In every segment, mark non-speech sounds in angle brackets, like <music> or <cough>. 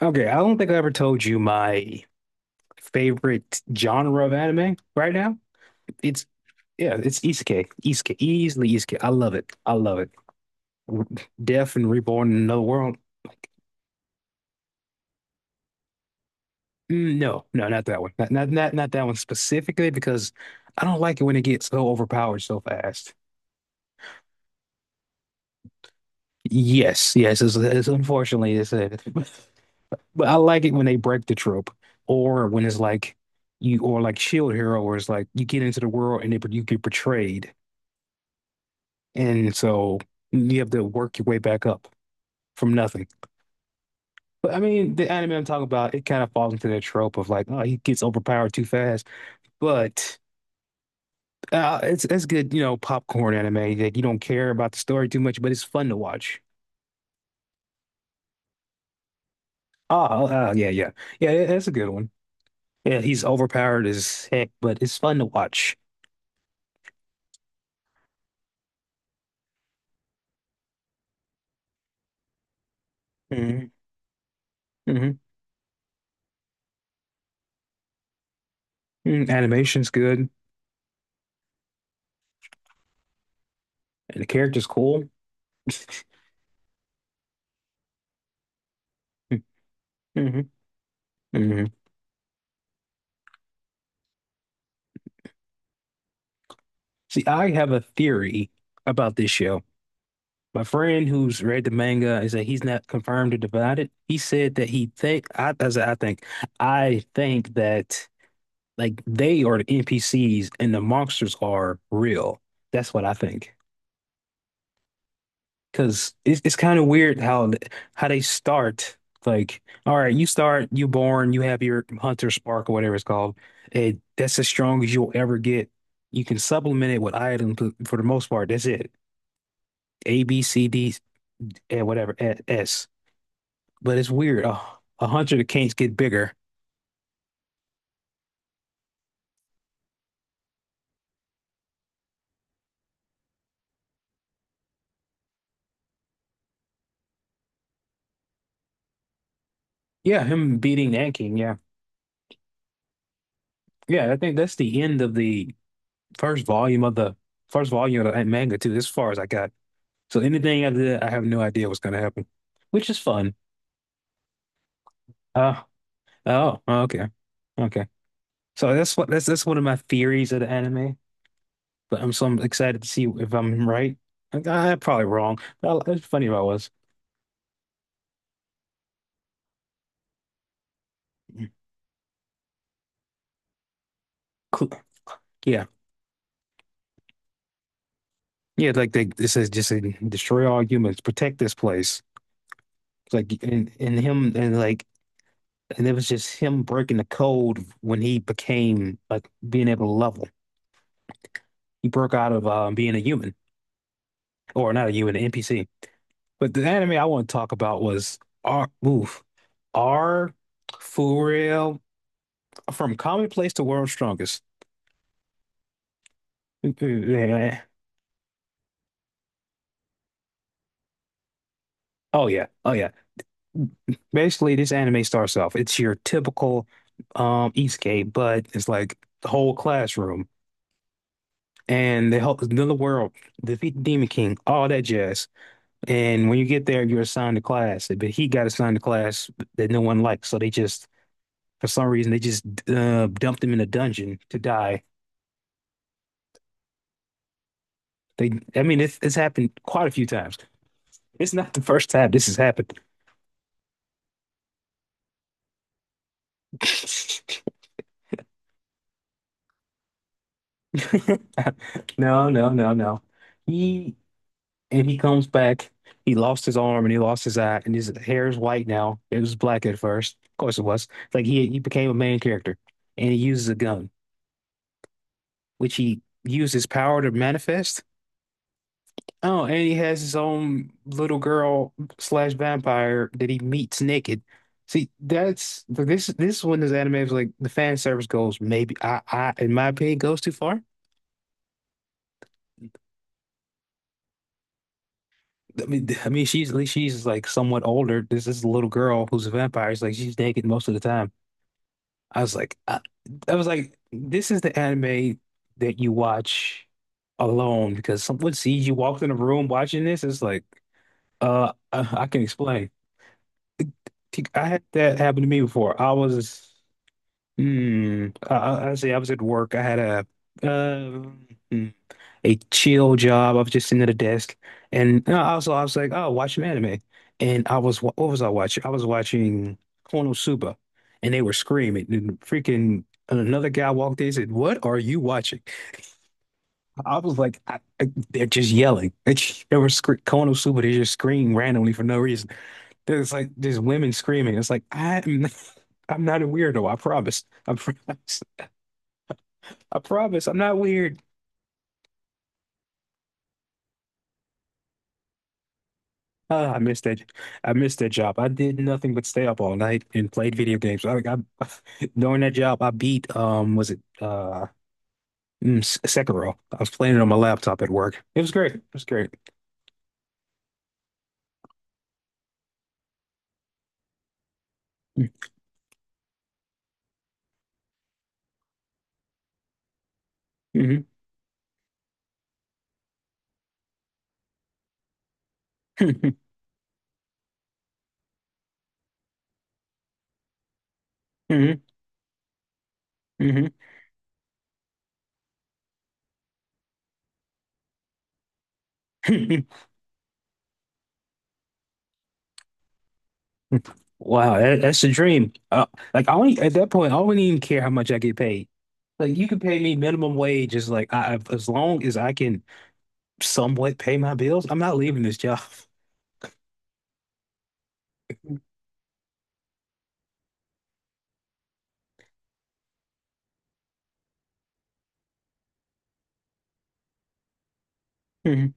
Okay, I don't think I ever told you my favorite genre of anime right now. It's Yeah, it's isekai. Isekai, easily isekai. I love it. I love it. Death and Reborn in Another World. No, no, not that one. Not that one specifically because I don't like it when it gets so overpowered so fast. Yes, yes, it's unfortunately it. <laughs> But I like it when they break the trope or when it's like you or like Shield Hero where it's like you get into the world and you get betrayed. And so you have to work your way back up from nothing. But I mean, the anime I'm talking about, it kind of falls into that trope of like, oh, he gets overpowered too fast. But it's good, popcorn anime that you don't care about the story too much, but it's fun to watch. Oh, yeah, yeah, yeah. That's a good one. Yeah, he's overpowered as heck, but it's fun to watch. hmm hmm Animation's good, and the character's cool. Hmm. Hmm. See, I have a theory about this show. My friend who's read the manga is that he's not confirmed or it. He said that he think I think that like they are the NPCs and the monsters are real. That's what I think. Because it's kind of weird how they start. Like, all right, you start, you born, you have your hunter spark or whatever it's called. And that's as strong as you'll ever get. You can supplement it with items for the most part. That's it. A, B, C, D, and whatever, S. But it's weird. Oh, a 100 of kings get bigger. Yeah, him beating that king. Yeah, yeah. I think that's the end of the first volume of the first volume of that manga too. As far as I got. So anything after that, I have no idea what's gonna happen, which is fun. Uh, oh, okay, okay. So that's one of my theories of the anime. But I'm excited to see if I'm right. I am probably wrong. But it's funny if I was. Cl- Yeah, yeah. Like it says, just destroy all humans, protect this place. Like and him and like and it was just him breaking the code when he became like being able to level. He broke out of being a human, or not a human, an NPC. But the anime I want to talk about was R. Oof, R. For real, from commonplace to world's strongest. <laughs> Oh yeah, oh yeah. Basically, this anime starts off. It's your typical isekai, but it's like the whole classroom. And they help us know the world, defeat the Demon King, all that jazz. And when you get there, you're assigned a class, but he got assigned a class that no one likes. So they just, for some reason, they just dumped him in a dungeon to die. I mean, it's happened quite a few times. It's not the first time this has happened. <laughs> No, no, no, no. He And he comes back. He lost his arm and he lost his eye, and his hair is white now. It was black at first. Of course it was. It's Like he became a main character. And he uses a gun, which he used his power to manifest. Oh, and he has his own little girl/vampire that he meets naked. See, that's this one, this anime is like the fan service goes, maybe I in my opinion, goes too far. I mean, she's at least, she's like somewhat older. This is a little girl who's a vampire. It's like she's naked most of the time. I was like, I, I was like, this is the anime that you watch alone because someone sees you walk in a room watching this. It's like, I can explain. I had that happen to me before. I say I was at work. I had a, uh, a chill job. I was just sitting at a desk, and also I was like, oh, watch some anime. And I was what was I watching? I was watching Konosuba, and they were screaming. And freaking another guy walked in and said, "What are you watching?" I was like, "They're just yelling. <laughs> They were scre Konosuba. They just scream randomly for no reason. There's like there's women screaming. It's like I am, <laughs> I'm not a weirdo. I promise. I <laughs> promise. I promise. I'm not weird." I missed that. I missed that job. I did nothing but stay up all night and played video games. I <laughs> during that job, I beat was it Sekiro? I was playing it on my laptop at work. It was great. It was great. Hmm. Hmm. Hmm. Hmm. <laughs> Wow, that's a dream. Like I only at that point, I wouldn't even care how much I get paid. Like you can pay me minimum wage, is like, as long as I can somewhat pay my bills, I'm not leaving this job. <laughs> Hmm.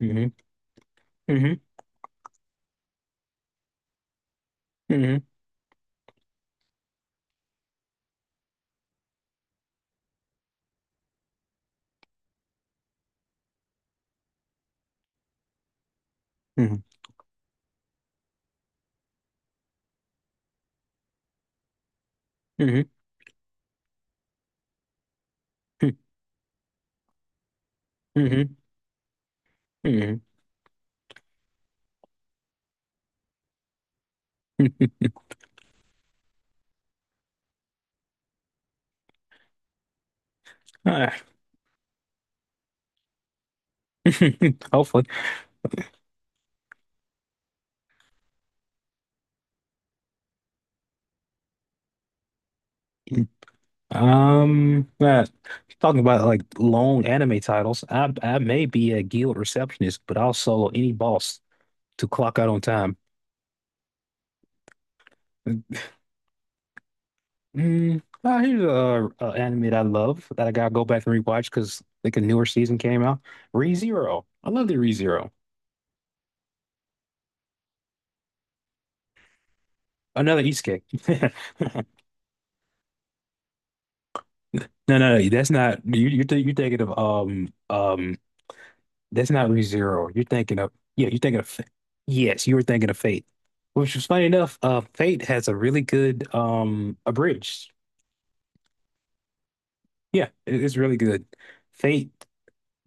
Hmm. Hmm. Hmm. Hmm. Mhm, mhm, mhm. Ah, <laughs> hopefully. Um, uh, Talking about like long anime titles, I may be a guild receptionist, but also any boss to clock out on time. Here's a anime that I love that I gotta go back and rewatch because like a newer season came out. ReZero. I love the ReZero. Another isekai. <laughs> No, no, no, that's not you. You're thinking of. That's not ReZero. You're thinking of, yeah, you're thinking of yes, you were thinking of Fate. Which is funny enough, Fate has a really good abridged. Yeah, it's really good. Fate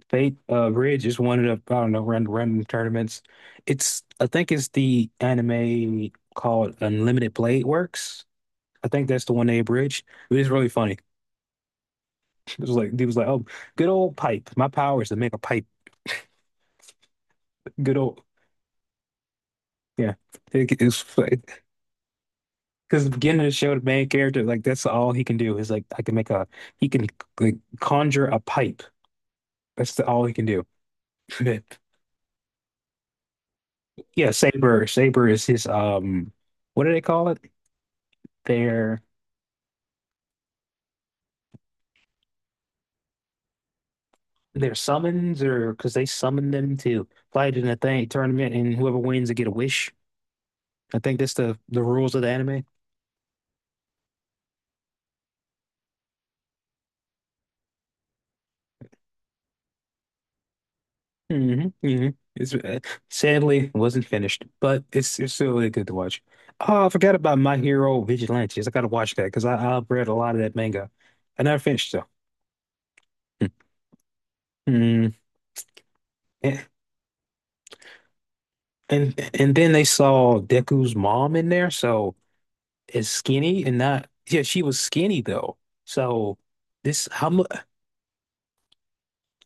Fate Abridged is one of the, I don't know, random tournaments. It's I think it's the anime called Unlimited Blade Works. I think that's the one they abridged. It was really funny. <laughs> It was like he was like, oh, good old pipe. My power is to make a pipe. Good old, yeah. It's because the beginning of the show, the main character, like, that's all he can do, is like, I can make a he can, like, conjure a pipe. That's all he can do. <laughs> Yeah, Saber. Saber is his, what do they call it? Their their summons, or because they summon them to fight in a thing tournament and whoever wins they get a wish. I think that's the rules of the anime. Hmm. Hmm. It's, sadly wasn't finished, but it's still really good to watch. Oh, I forgot about My Hero Vigilantes. I gotta watch that because I've read a lot of that manga. I never finished though. Mm. And, and then they saw Deku's mom in there, so it's skinny and not, yeah, she was skinny though. So this how mu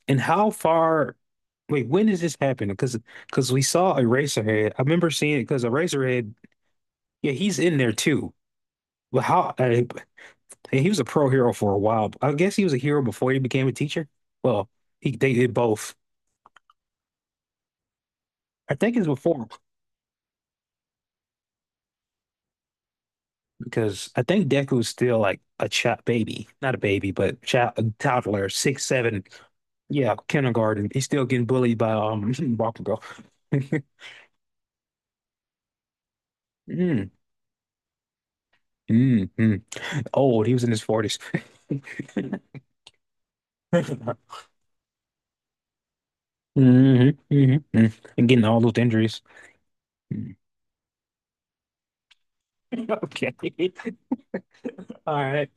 and how far wait, when does this happen? Because we saw Eraserhead. I remember seeing it because Eraserhead, yeah, he's in there too. But how? Hey, he was a pro hero for a while. I guess he was a hero before he became a teacher. Well, he they did both. I think it's before, because I think Deku's still like a child baby, not a baby, but child, a toddler, six, seven, yeah, kindergarten. He's still getting bullied by <laughs> Bakugo. <laughs> Mm, mm, mm. Old, he was in his 40s. <laughs> Hmm. Hmm. And getting all those injuries. Mm. <laughs> Okay. <laughs> All right.